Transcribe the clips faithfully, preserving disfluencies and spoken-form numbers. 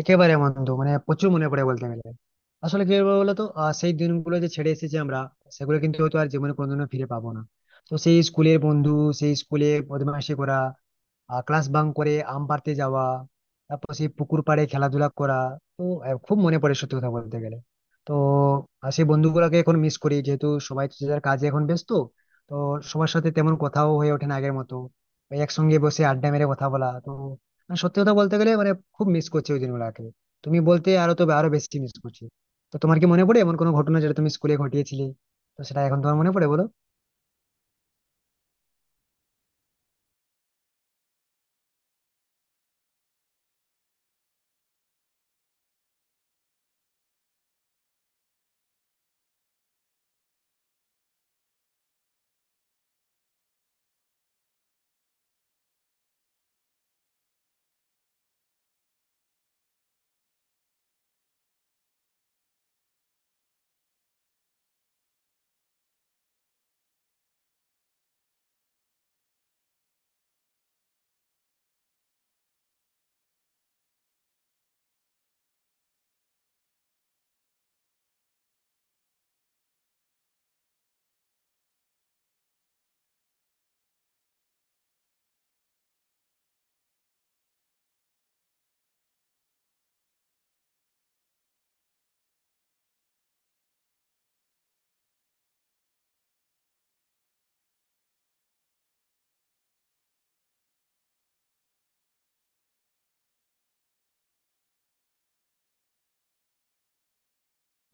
একেবারে বন্ধু, মানে প্রচুর মনে পড়ে বলতে গেলে। আসলে কি বলবো বলতো, আহ, সেই দিনগুলো যে ছেড়ে এসেছি আমরা, সেগুলো কিন্তু হয়তো আর জীবনে কোনোদিনও ফিরে পাবো না। তো সেই স্কুলের বন্ধু, সেই স্কুলে বদমাইশি করা, ক্লাস বাঙ্ক করে আম পাড়তে যাওয়া, তারপর সেই পুকুর পাড়ে খেলাধুলা করা। তো আহ, খুব মনে পড়ে সত্যি কথা বলতে গেলে। তো আহ, সেই বন্ধুগুলোকে এখন মিস করি, যেহেতু সবাই যে যার কাজে এখন ব্যস্ত। তো সবার সাথে তেমন কথাও হয়ে ওঠে না আগের মতো। ওই একসঙ্গে বসে আড্ডা মেরে কথা বলা, তো মানে সত্যি কথা বলতে গেলে, মানে খুব মিস করছি ওই দিনগুলোকে। তুমি বলতে আরো, তো আরো বেশি মিস করছি। তো তোমার কি মনে পড়ে এমন কোনো ঘটনা যেটা তুমি স্কুলে ঘটিয়েছিলে? তো সেটা এখন তোমার মনে পড়ে বলো।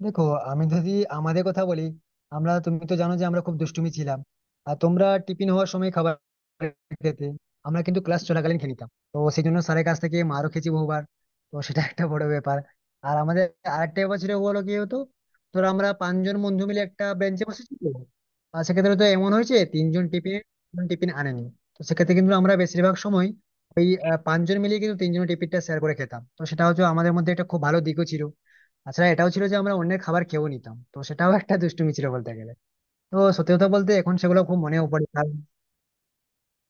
দেখো, আমি যদি আমাদের কথা বলি, আমরা, তুমি তো জানো যে আমরা খুব দুষ্টুমি ছিলাম। আর তোমরা টিফিন হওয়ার সময় খাবার খেতে, আমরা কিন্তু ক্লাস চলাকালীন খেয়ে নিতাম, তো সেই জন্য স্যারের কাছ থেকে মারও খেয়েছি বহুবার। তো সেটা একটা বড় ব্যাপার। আর আমাদের আরেকটা ব্যাপার ছিল, বলো কি হতো। ধরো আমরা পাঁচজন বন্ধু মিলে একটা বেঞ্চে বসেছি, তো আর সেক্ষেত্রে তো এমন হয়েছে তিনজন টিফিন টিফিন আনেনি। তো সেক্ষেত্রে কিন্তু আমরা বেশিরভাগ সময় ওই আহ, পাঁচজন মিলিয়ে কিন্তু তিনজন টিফিনটা শেয়ার করে খেতাম। তো সেটা হচ্ছে আমাদের মধ্যে একটা খুব ভালো দিকও ছিল। তাছাড়া এটাও ছিল যে আমরা অন্যের খাবার খেয়েও নিতাম, তো সেটাও একটা দুষ্টুমি ছিল বলতে গেলে। তো সত্যি কথা বলতে এখন সেগুলো খুব মনেও পড়ে, কারণ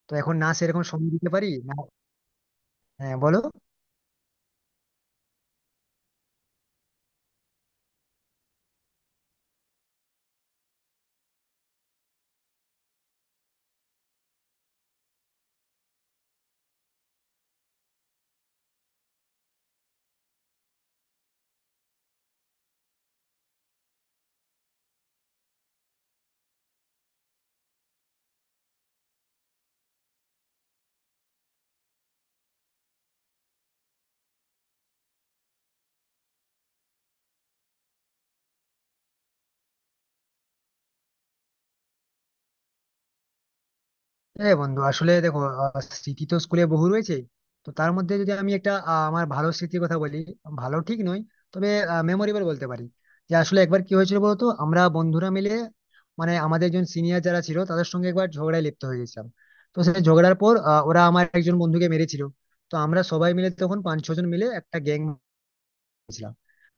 তো এখন না সেরকম সময় দিতে পারি না। হ্যাঁ বলো। হ্যাঁ বন্ধু, আসলে দেখো, আহ, স্মৃতি তো স্কুলে বহু রয়েছে। তো তার মধ্যে যদি আমি একটা আহ, আমার ভালো স্মৃতির কথা বলি, ভালো ঠিক নয়, তবে মেমোরেবল বলতে পারি। যে আসলে একবার কি হয়েছিল বলতো, আমরা বন্ধুরা মিলে, মানে আমাদের একজন সিনিয়র যারা ছিল তাদের সঙ্গে একবার ঝগড়ায় লিপ্ত হয়ে গেছিলাম। তো সেই ঝগড়ার পর আহ, ওরা আমার একজন বন্ধুকে মেরেছিল। তো আমরা সবাই মিলে তখন পাঁচ ছজন মিলে একটা গ্যাং।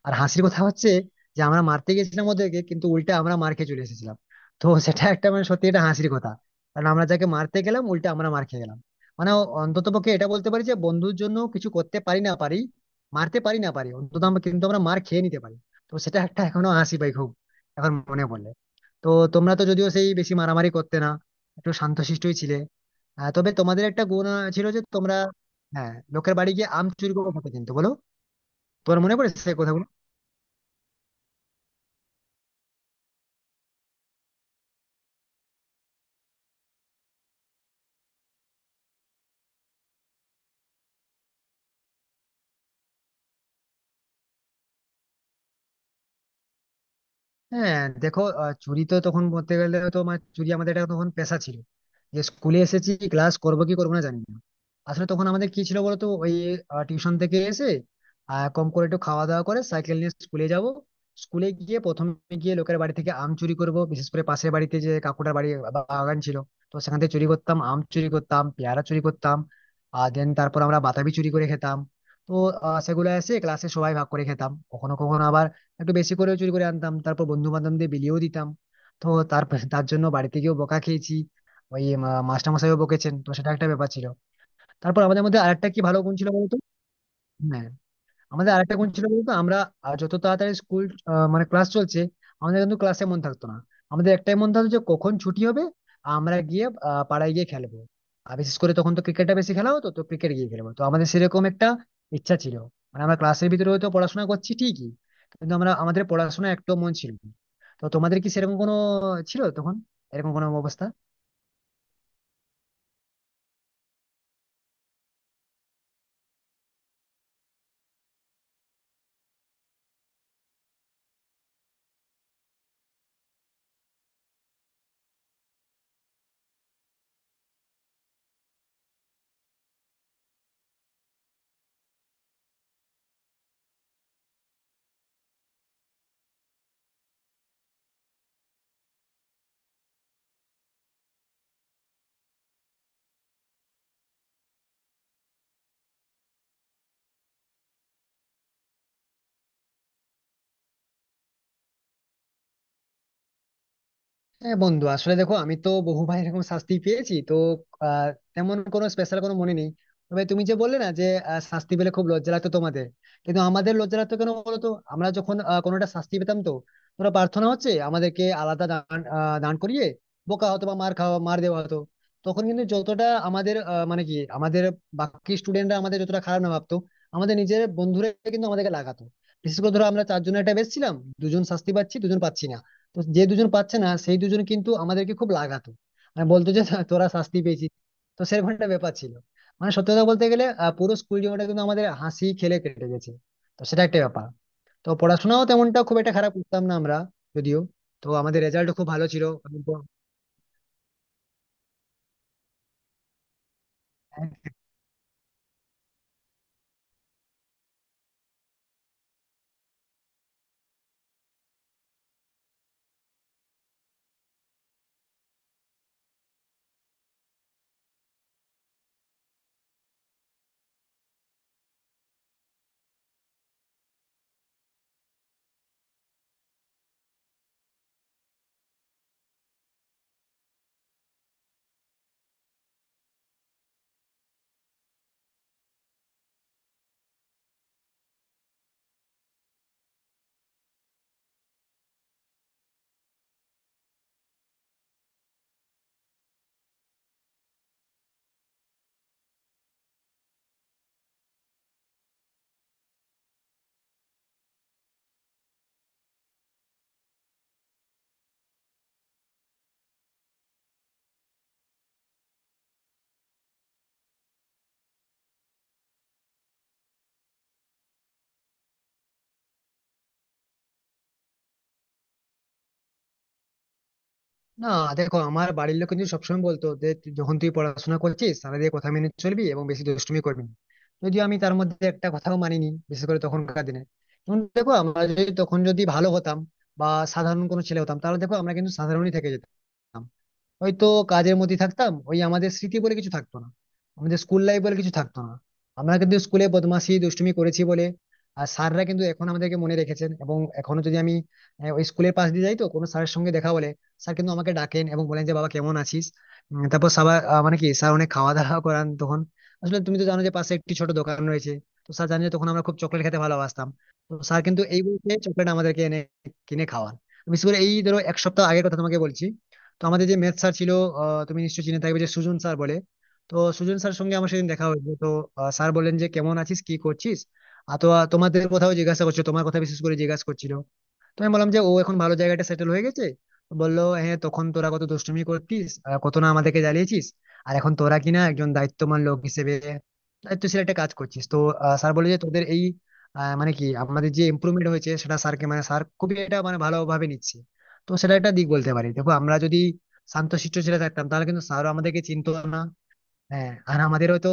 আর হাসির কথা হচ্ছে যে আমরা মারতে গেছিলাম ওদেরকে, কিন্তু উল্টা আমরা মার খেয়ে চলে এসেছিলাম। তো সেটা একটা, মানে সত্যি এটা হাসির কথা, কারণ আমরা যাকে মারতে গেলাম উল্টা আমরা মার খেয়ে গেলাম। মানে অন্তত পক্ষে এটা বলতে পারি যে বন্ধুর জন্য কিছু করতে পারি না পারি, মারতে পারি না পারি, অন্তত আমরা কিন্তু আমরা মার খেয়ে নিতে পারি। তো সেটা একটা এখনো হাসি পাই খুব এখন মনে পড়লে। তো তোমরা তো যদিও সেই বেশি মারামারি করতে না, একটু শান্তশিষ্টই ছিলে। আহ, তবে তোমাদের একটা গুণ আহ, ছিল যে তোমরা, হ্যাঁ, লোকের বাড়ি গিয়ে আম চুরি করে খেতে, কিন্তু বলো, তোমার মনে পড়ে সে কথা? হ্যাঁ দেখো, আহ, চুরি তো তখন বলতে গেলে, তো মানে চুরি আমাদের এটা তখন পেশা ছিল। যে স্কুলে এসেছি ক্লাস করবো কি করবো না জানি না। আসলে তখন আমাদের কি ছিল বলতো, ওই টিউশন থেকে এসে আহ, কম করে একটু খাওয়া দাওয়া করে সাইকেল নিয়ে স্কুলে যাব, স্কুলে গিয়ে প্রথমে গিয়ে লোকের বাড়ি থেকে আম চুরি করব, বিশেষ করে পাশের বাড়িতে যে কাকুটার বাড়ি, বা- বাগান ছিল। তো সেখান থেকে চুরি করতাম, আম চুরি করতাম, পেয়ারা চুরি করতাম, আর দেন তারপর আমরা বাতাবি চুরি করে খেতাম। তো আহ, সেগুলো এসে ক্লাসে সবাই ভাগ করে খেতাম, কখনো কখনো আবার একটু বেশি করে চুরি করে আনতাম তারপর বন্ধু বান্ধবদের বিলিয়েও দিতাম। তো তার তার জন্য বাড়ি থেকেও বকা খেয়েছি, ওই মাস্টার মশাইও বকেছেন, তো সেটা একটা ব্যাপার ছিল। তারপর আমাদের মধ্যে আরেকটা কি ভালো গুণ ছিল বলতো, হ্যাঁ, আমাদের আরেকটা কোন ছিল বলতো, আমরা আহ, যত তাড়াতাড়ি স্কুল, মানে ক্লাস চলছে, আমাদের কিন্তু ক্লাসে মন থাকতো না। আমাদের একটাই মন থাকতো যে কখন ছুটি হবে আর আমরা গিয়ে আহ, পাড়ায় গিয়ে খেলবো। আর বিশেষ করে তখন তো ক্রিকেটটা বেশি খেলা হতো, তো ক্রিকেট গিয়ে খেলবো, তো আমাদের সেরকম একটা ইচ্ছা ছিল। মানে আমরা ক্লাসের ভিতরে হয়তো পড়াশোনা করছি ঠিকই, কিন্তু আমরা আমাদের পড়াশোনা একটু মন ছিল না। তো তোমাদের কি সেরকম কোনো ছিল তখন, এরকম কোনো অবস্থা? হ্যাঁ বন্ধু, আসলে দেখো, আমি তো বহু ভাই এরকম শাস্তি পেয়েছি, তো আহ, তেমন কোনো স্পেশাল কোনো মনে নেই। তবে তুমি যে বললে না যে আহ, শাস্তি পেলে খুব লজ্জা লাগতো তোমাদের, কিন্তু আমাদের লজ্জা লাগতো কেন বলতো, আমরা যখন আহ, কোনোটা শাস্তি পেতাম, তো তোমরা প্রার্থনা হচ্ছে আমাদেরকে আলাদা দান আহ, দান করিয়ে বোকা হতো বা মার খাওয়া মার দেওয়া হতো। তখন কিন্তু যতটা আমাদের আহ, মানে কি, আমাদের বাকি স্টুডেন্টরা আমাদের যতটা খারাপ না ভাবতো, আমাদের নিজের বন্ধুরা কিন্তু আমাদেরকে লাগাতো। বিশেষ করে ধরো আমরা চারজনের একটা বেশ ছিলাম, দুজন শাস্তি পাচ্ছি দুজন পাচ্ছি না, তো যে দুজন পাচ্ছে না সেই দুজন কিন্তু আমাদেরকে খুব লাগাতো। মানে বলতো যে "না, তোরা শাস্তি পেয়েছিস।" তো সেরকম একটা ব্যাপার ছিল। মানে সত্যি কথা বলতে গেলে আহ, পুরো স্কুল জীবনটা কিন্তু আমাদের হাসি খেলে কেটে গেছে। তো সেটা একটা ব্যাপার। তো পড়াশোনাও তেমনটা খুব একটা খারাপ করতাম না আমরা, যদিও। তো আমাদের রেজাল্ট খুব ভালো ছিল। না দেখো, আমার বাড়ির লোক কিন্তু সবসময় বলতো যে তুই- যখন তুই পড়াশোনা করছিস তাহলে দিয়ে কথা মেনে চলবি এবং বেশি দুষ্টুমি করবি না। যদিও আমি তার মধ্যে একটা কথাও মানিনি, বিশেষ করে তখনকার দিনে। এবং দেখো আমরা যদি তখন যদি ভালো হতাম বা সাধারণ কোনো ছেলে হতাম, তাহলে দেখো আমরা কিন্তু সাধারণই থেকে যেতাম, ওই তো কাজের মধ্যে থাকতাম, ওই আমাদের স্মৃতি বলে কিছু থাকতো না, আমাদের স্কুল লাইফ বলে কিছু থাকতো না। আমরা কিন্তু স্কুলে বদমাশি দুষ্টুমি করেছি বলে আর স্যাররা কিন্তু এখন আমাদেরকে মনে রেখেছেন। এবং এখনো যদি আমি আহ, ওই স্কুলের পাশ দিয়ে যাই, তো কোনো স্যারের সঙ্গে দেখা হলে স্যার কিন্তু আমাকে ডাকেন এবং বলেন যে বাবা কেমন আছিস। উম, তারপর সবার আহ, মানে কি, স্যার অনেক খাওয়া দাওয়া করান তখন। আসলে তুমি তো জানো যে পাশে একটি ছোট দোকান রয়েছে, তো স্যার জানে যে তখন আমরা খুব চকলেট খেতে ভালোবাসতাম। তো স্যার কিন্তু এই বলতে চকলেট আমাদেরকে এনে কিনে খাওয়ান। বিশেষ করে এই ধরো এক সপ্তাহ আগের কথা তোমাকে বলছি, তো আমাদের যে ম্যাথ স্যার ছিল, আহ, তুমি নিশ্চয়ই চিনে থাকবে যে সুজন স্যার বলে। তো সুজন স্যার সঙ্গে আমার সেদিন দেখা হয়েছে, তো স্যার বললেন যে কেমন আছিস কি করছিস। আর তো আহ, তোমাদের কথাও জিজ্ঞাসা করছিল, তোমার কথা বিশেষ করে জিজ্ঞাসা করছিল। তো আমি বললাম যে ও এখন ভালো জায়গাটা সেটেল হয়ে গেছে। তো বললো হ্যাঁ, তখন তোরা কত দুষ্টুমি করতিস, আহ, কত না আমাদেরকে জ্বালিয়েছিস, আর এখন তোরা কিনা একজন দায়িত্বমান লোক হিসেবে দায়িত্বশীল একটা কাজ করছিস। তো স্যার বলে যে তোদের এই আহ, মানে কি, আমাদের যে ইমপ্রুভমেন্ট হয়েছে সেটা স্যারকে, মানে স্যার খুবই এটা মানে ভালোভাবে নিচ্ছে। তো সেটা একটা দিক বলতে পারি, দেখো আমরা যদি শান্তশিষ্ট ছেলে থাকতাম তাহলে কিন্তু স্যারও আমাদেরকে চিনতো না। হ্যাঁ, আর আমাদের হয়তো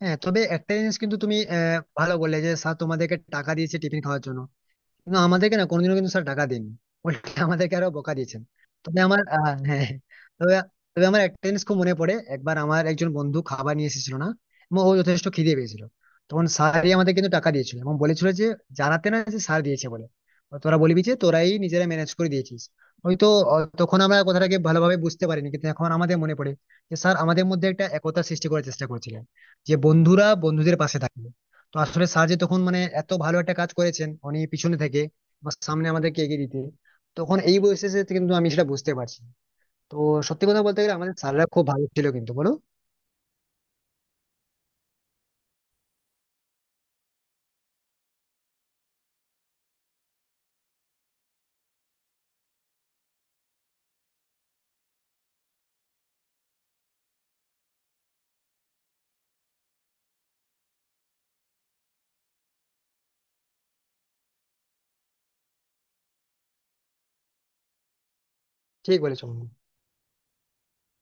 হ্যাঁ। তবে একটা জিনিস কিন্তু তুমি আহ, ভালো বললে যে স্যার তোমাদেরকে টাকা দিয়েছে টিফিন খাওয়ার জন্য, কিন্তু আমাদেরকে না কোনোদিনও কিন্তু স্যার টাকা দেননি, উল্টে আমাদেরকে আরো বকা দিয়েছেন। তবে আমার আহ, হ্যাঁ হ্যাঁ। তবে তবে আমার একটা জিনিস খুব মনে পড়ে, একবার আমার একজন বন্ধু খাবার নিয়ে এসেছিল না, এবং ও যথেষ্ট খিদে পেয়েছিল। তখন স্যারই আমাদের কিন্তু টাকা দিয়েছিল এবং বলেছিল যে জানাতে না যে স্যার দিয়েছে বলে, তোরা বলবি যে তোরাই নিজেরা ম্যানেজ করে দিয়েছিস। হয়তো আহ, তখন আমরা কথাটাকে ভালোভাবে বুঝতে পারিনি, কিন্তু এখন আমাদের মনে পড়ে যে স্যার আমাদের মধ্যে একটা একতা সৃষ্টি করার চেষ্টা করেছিলেন, যে বন্ধুরা বন্ধুদের পাশে থাকে। তো আসলে সার্জি তখন মানে এত ভালো একটা কাজ করেছেন উনি পিছনে থেকে বা সামনে আমাদেরকে এগিয়ে দিতে। তখন এই বয়সে এসে কিন্তু আমি সেটা বুঝতে পারছি। তো সত্যি কথা বলতে গেলে আমাদের স্যাররা খুব ভালো ছিল কিন্তু, বলো। ঠিক বলেছো।